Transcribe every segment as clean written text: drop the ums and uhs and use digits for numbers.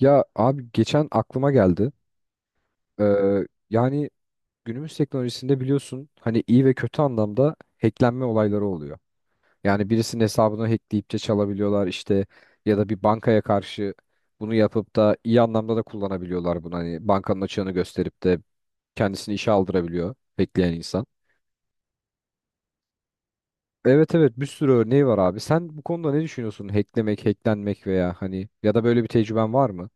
Ya abi geçen aklıma geldi. Ee, Yani günümüz teknolojisinde biliyorsun hani iyi ve kötü anlamda hacklenme olayları oluyor. Yani birisinin hesabını hackleyip de çalabiliyorlar işte ya da bir bankaya karşı bunu yapıp da iyi anlamda da kullanabiliyorlar bunu. Hani bankanın açığını gösterip de kendisini işe aldırabiliyor hackleyen insan. Evet evet, bir sürü örneği var abi. Sen bu konuda ne düşünüyorsun? Hacklemek, hacklenmek veya hani ya da böyle bir tecrüben var mı?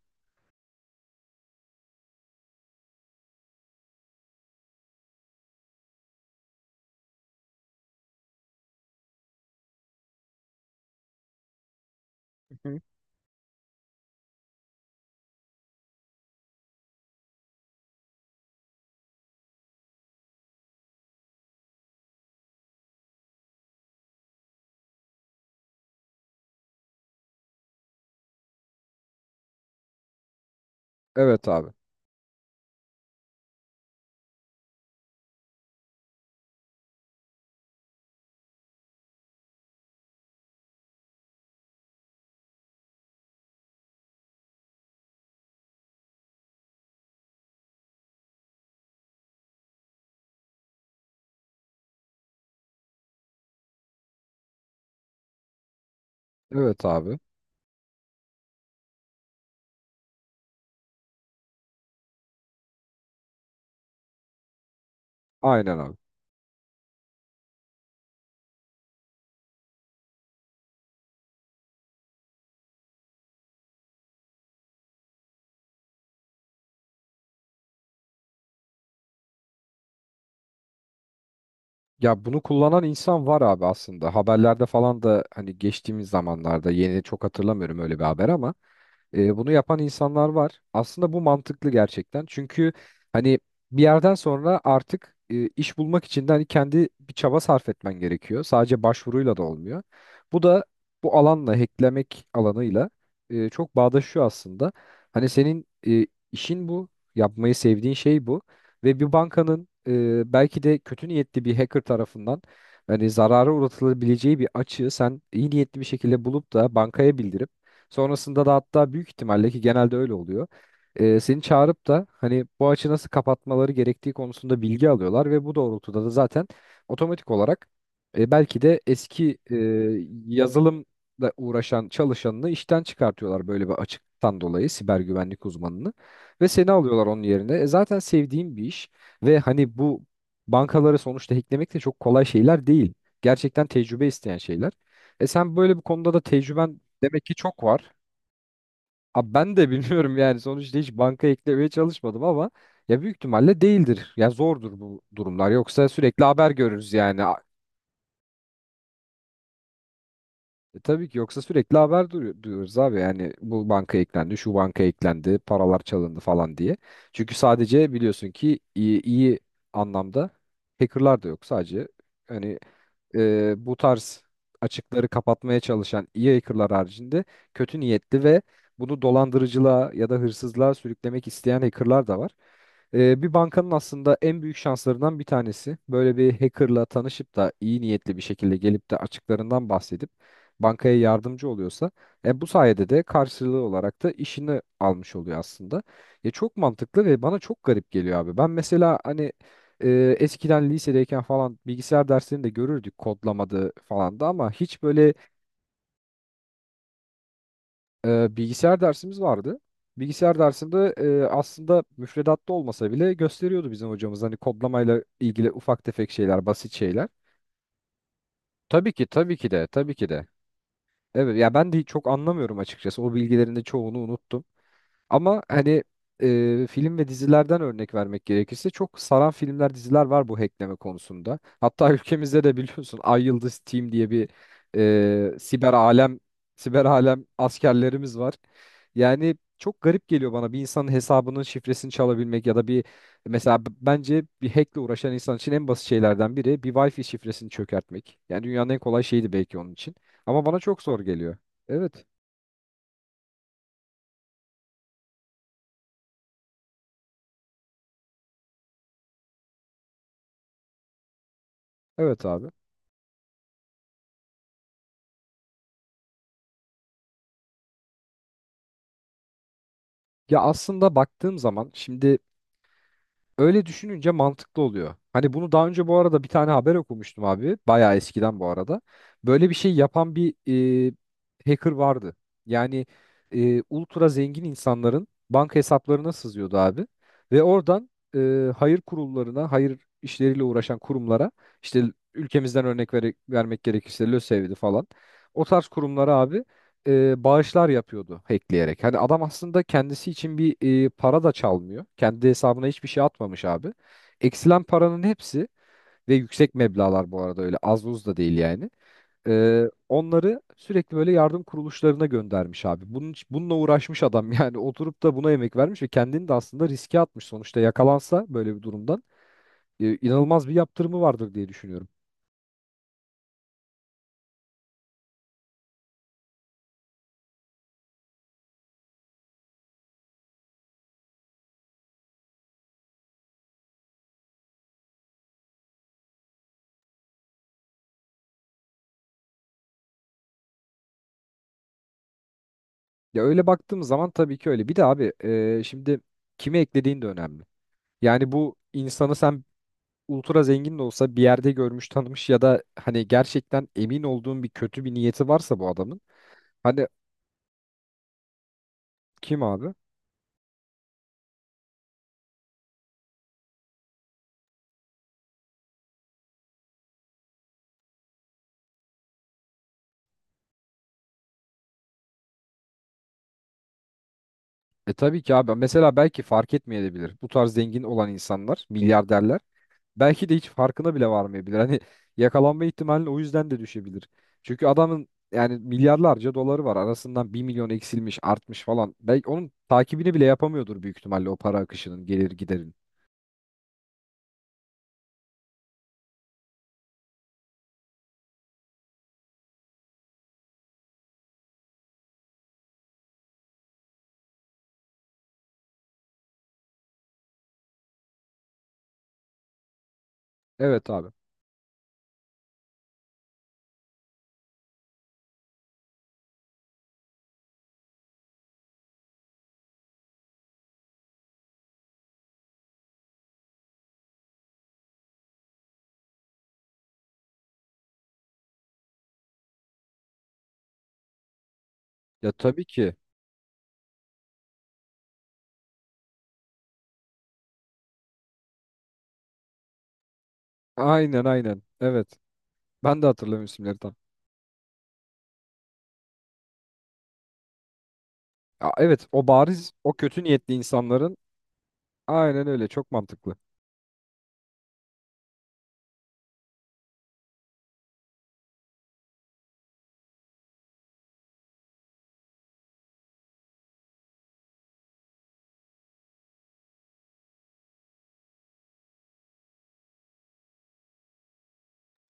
Evet abi. Evet abi. Aynen abi. Ya bunu kullanan insan var abi aslında. Haberlerde falan da hani geçtiğimiz zamanlarda yeni çok hatırlamıyorum öyle bir haber ama bunu yapan insanlar var. Aslında bu mantıklı gerçekten. Çünkü hani bir yerden sonra artık iş bulmak için de hani kendi bir çaba sarf etmen gerekiyor. Sadece başvuruyla da olmuyor. Bu da bu alanla, hacklemek alanıyla, çok bağdaşıyor aslında. Hani senin işin bu, yapmayı sevdiğin şey bu ve bir bankanın, belki de kötü niyetli bir hacker tarafından hani zarara uğratılabileceği bir açığı sen iyi niyetli bir şekilde bulup da bankaya bildirip sonrasında da, hatta büyük ihtimalle ki genelde öyle oluyor, seni çağırıp da hani bu açı nasıl kapatmaları gerektiği konusunda bilgi alıyorlar ve bu doğrultuda da zaten otomatik olarak belki de eski yazılımla uğraşan çalışanını işten çıkartıyorlar böyle bir açıktan dolayı, siber güvenlik uzmanını ve seni alıyorlar onun yerine. E, zaten sevdiğim bir iş ve hani bu bankaları sonuçta hacklemek de çok kolay şeyler değil. Gerçekten tecrübe isteyen şeyler. E sen böyle bir konuda da tecrüben demek ki çok var. Abi ben de bilmiyorum yani, sonuçta hiç banka eklemeye çalışmadım ama ya büyük ihtimalle değildir. Ya zordur bu durumlar. Yoksa sürekli haber görürüz yani. A- E tabii ki, yoksa sürekli haber duyuyoruz abi yani, bu banka eklendi, şu banka eklendi, paralar çalındı falan diye. Çünkü sadece biliyorsun ki iyi, iyi anlamda hackerlar da yok. Sadece hani bu tarz açıkları kapatmaya çalışan iyi hackerlar haricinde kötü niyetli ve bunu dolandırıcılığa ya da hırsızlığa sürüklemek isteyen hackerlar da var. E, bir bankanın aslında en büyük şanslarından bir tanesi böyle bir hackerla tanışıp da iyi niyetli bir şekilde gelip de açıklarından bahsedip bankaya yardımcı oluyorsa, bu sayede de karşılığı olarak da işini almış oluyor aslında. Ya çok mantıklı ve bana çok garip geliyor abi. Ben mesela hani eskiden lisedeyken falan bilgisayar derslerini de görürdük, kodlamadı falan da ama hiç böyle bilgisayar dersimiz vardı. Bilgisayar dersinde, aslında müfredatta olmasa bile gösteriyordu bizim hocamız hani kodlamayla ilgili ufak tefek şeyler, basit şeyler. Tabii ki, tabii ki de, tabii ki de. Evet ya, ben de çok anlamıyorum açıkçası. O bilgilerin de çoğunu unuttum. Ama hani film ve dizilerden örnek vermek gerekirse çok saran filmler, diziler var bu hackleme konusunda. Hatta ülkemizde de biliyorsun Ay Yıldız Team diye bir siber alem, askerlerimiz var. Yani çok garip geliyor bana bir insanın hesabının şifresini çalabilmek ya da bir, mesela bence bir hackle uğraşan insan için en basit şeylerden biri bir Wi-Fi şifresini çökertmek. Yani dünyanın en kolay şeydi belki onun için. Ama bana çok zor geliyor. Evet. Evet abi. Ya aslında baktığım zaman şimdi, öyle düşününce mantıklı oluyor. Hani bunu daha önce bu arada bir tane haber okumuştum abi. Bayağı eskiden bu arada. Böyle bir şey yapan bir e, hacker vardı. Yani ultra zengin insanların banka hesaplarına sızıyordu abi. Ve oradan hayır kurullarına, hayır işleriyle uğraşan kurumlara işte, ülkemizden örnek vermek gerekirse LÖSEV'di falan. O tarz kurumlara abi bağışlar yapıyordu hackleyerek. Hani adam aslında kendisi için bir, para da çalmıyor. Kendi hesabına hiçbir şey atmamış abi. Eksilen paranın hepsi ve yüksek meblağlar bu arada, öyle az buz da değil yani. E, onları sürekli böyle yardım kuruluşlarına göndermiş abi. Bununla uğraşmış adam yani oturup da buna emek vermiş ve kendini de aslında riske atmış. Sonuçta yakalansa böyle bir durumdan inanılmaz bir yaptırımı vardır diye düşünüyorum. Ya öyle baktığımız zaman tabii ki öyle. Bir de abi şimdi kimi eklediğin de önemli. Yani bu insanı sen ultra zengin de olsa bir yerde görmüş tanımış ya da hani gerçekten emin olduğun bir kötü bir niyeti varsa bu adamın. Hani kim abi? E tabii ki abi. Mesela belki fark etmeyebilir. Bu tarz zengin olan insanlar, milyarderler. Belki de hiç farkına bile varmayabilir. Hani yakalanma ihtimali o yüzden de düşebilir. Çünkü adamın yani milyarlarca doları var. Arasından bir milyon eksilmiş, artmış falan. Belki onun takibini bile yapamıyordur büyük ihtimalle, o para akışının, gelir giderin. Evet abi. Ya tabii ki. Aynen aynen. Evet. Ben de hatırlamıyorum isimleri tam. Aa, evet o bariz o kötü niyetli insanların, aynen öyle, çok mantıklı.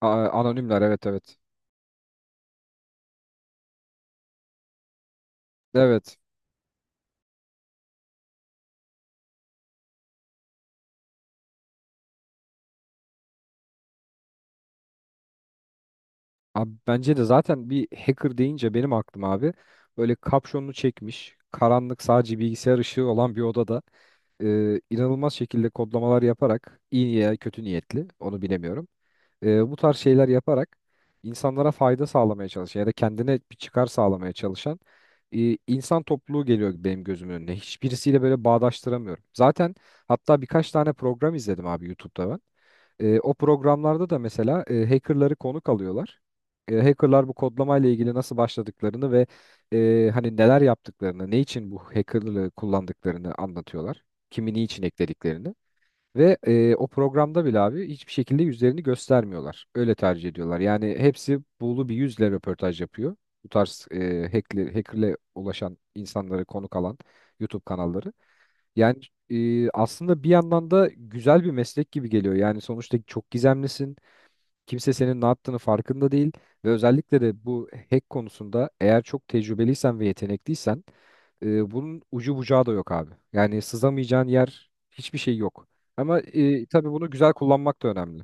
Aa, anonimler, evet evet. Evet. Abi, bence de zaten bir hacker deyince benim aklım abi, böyle kapşonunu çekmiş karanlık sadece bilgisayar ışığı olan bir odada inanılmaz şekilde kodlamalar yaparak, iyi niye kötü niyetli onu bilemiyorum, bu tarz şeyler yaparak insanlara fayda sağlamaya çalışan ya da kendine bir çıkar sağlamaya çalışan insan topluluğu geliyor benim gözümün önüne. Hiçbirisiyle böyle bağdaştıramıyorum. Zaten hatta birkaç tane program izledim abi YouTube'da ben. E, o programlarda da mesela hackerları konuk alıyorlar. E, hackerlar bu kodlamayla ilgili nasıl başladıklarını ve hani neler yaptıklarını, ne için bu hackerlığı kullandıklarını anlatıyorlar. Kimi niçin eklediklerini. Ve o programda bile abi hiçbir şekilde yüzlerini göstermiyorlar. Öyle tercih ediyorlar. Yani hepsi buğulu bir yüzle röportaj yapıyor. Bu tarz hackler, hackerle ulaşan insanları konuk alan YouTube kanalları. Yani aslında bir yandan da güzel bir meslek gibi geliyor. Yani sonuçta çok gizemlisin. Kimse senin ne yaptığını farkında değil ve özellikle de bu hack konusunda eğer çok tecrübeliysen ve yetenekliysen, bunun ucu bucağı da yok abi. Yani sızamayacağın yer, hiçbir şey yok. Ama tabii bunu güzel kullanmak da önemli.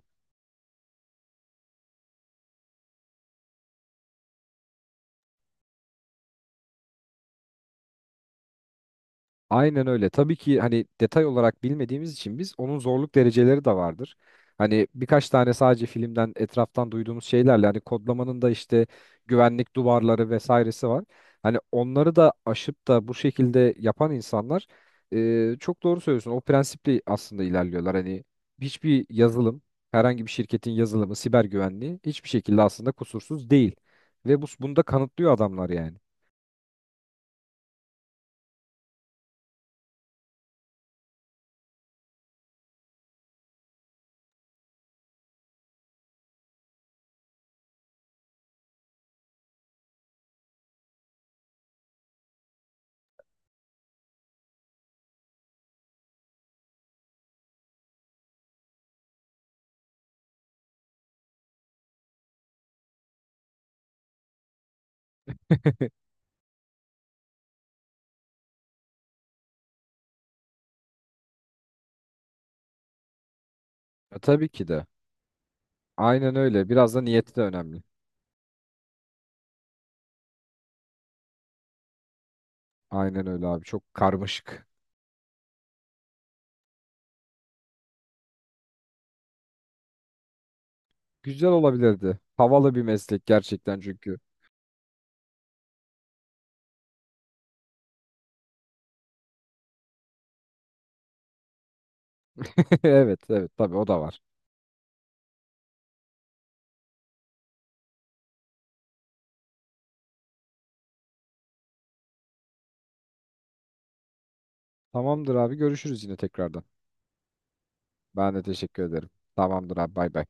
Aynen öyle. Tabii ki hani detay olarak bilmediğimiz için biz, onun zorluk dereceleri de vardır. Hani birkaç tane sadece filmden etraftan duyduğumuz şeylerle hani kodlamanın da işte güvenlik duvarları vesairesi var. Hani onları da aşıp da bu şekilde yapan insanlar, çok doğru söylüyorsun. O prensiple aslında ilerliyorlar. Hani hiçbir yazılım, herhangi bir şirketin yazılımı, siber güvenliği hiçbir şekilde aslında kusursuz değil. Ve bunu da kanıtlıyor adamlar yani. Tabii ki de. Aynen öyle. Biraz da niyeti de önemli. Aynen öyle abi. Çok karmaşık. Güzel olabilirdi. Havalı bir meslek gerçekten çünkü. Evet, evet, tabii o da var. Tamamdır abi. Görüşürüz yine tekrardan. Ben de teşekkür ederim. Tamamdır abi. Bay bay.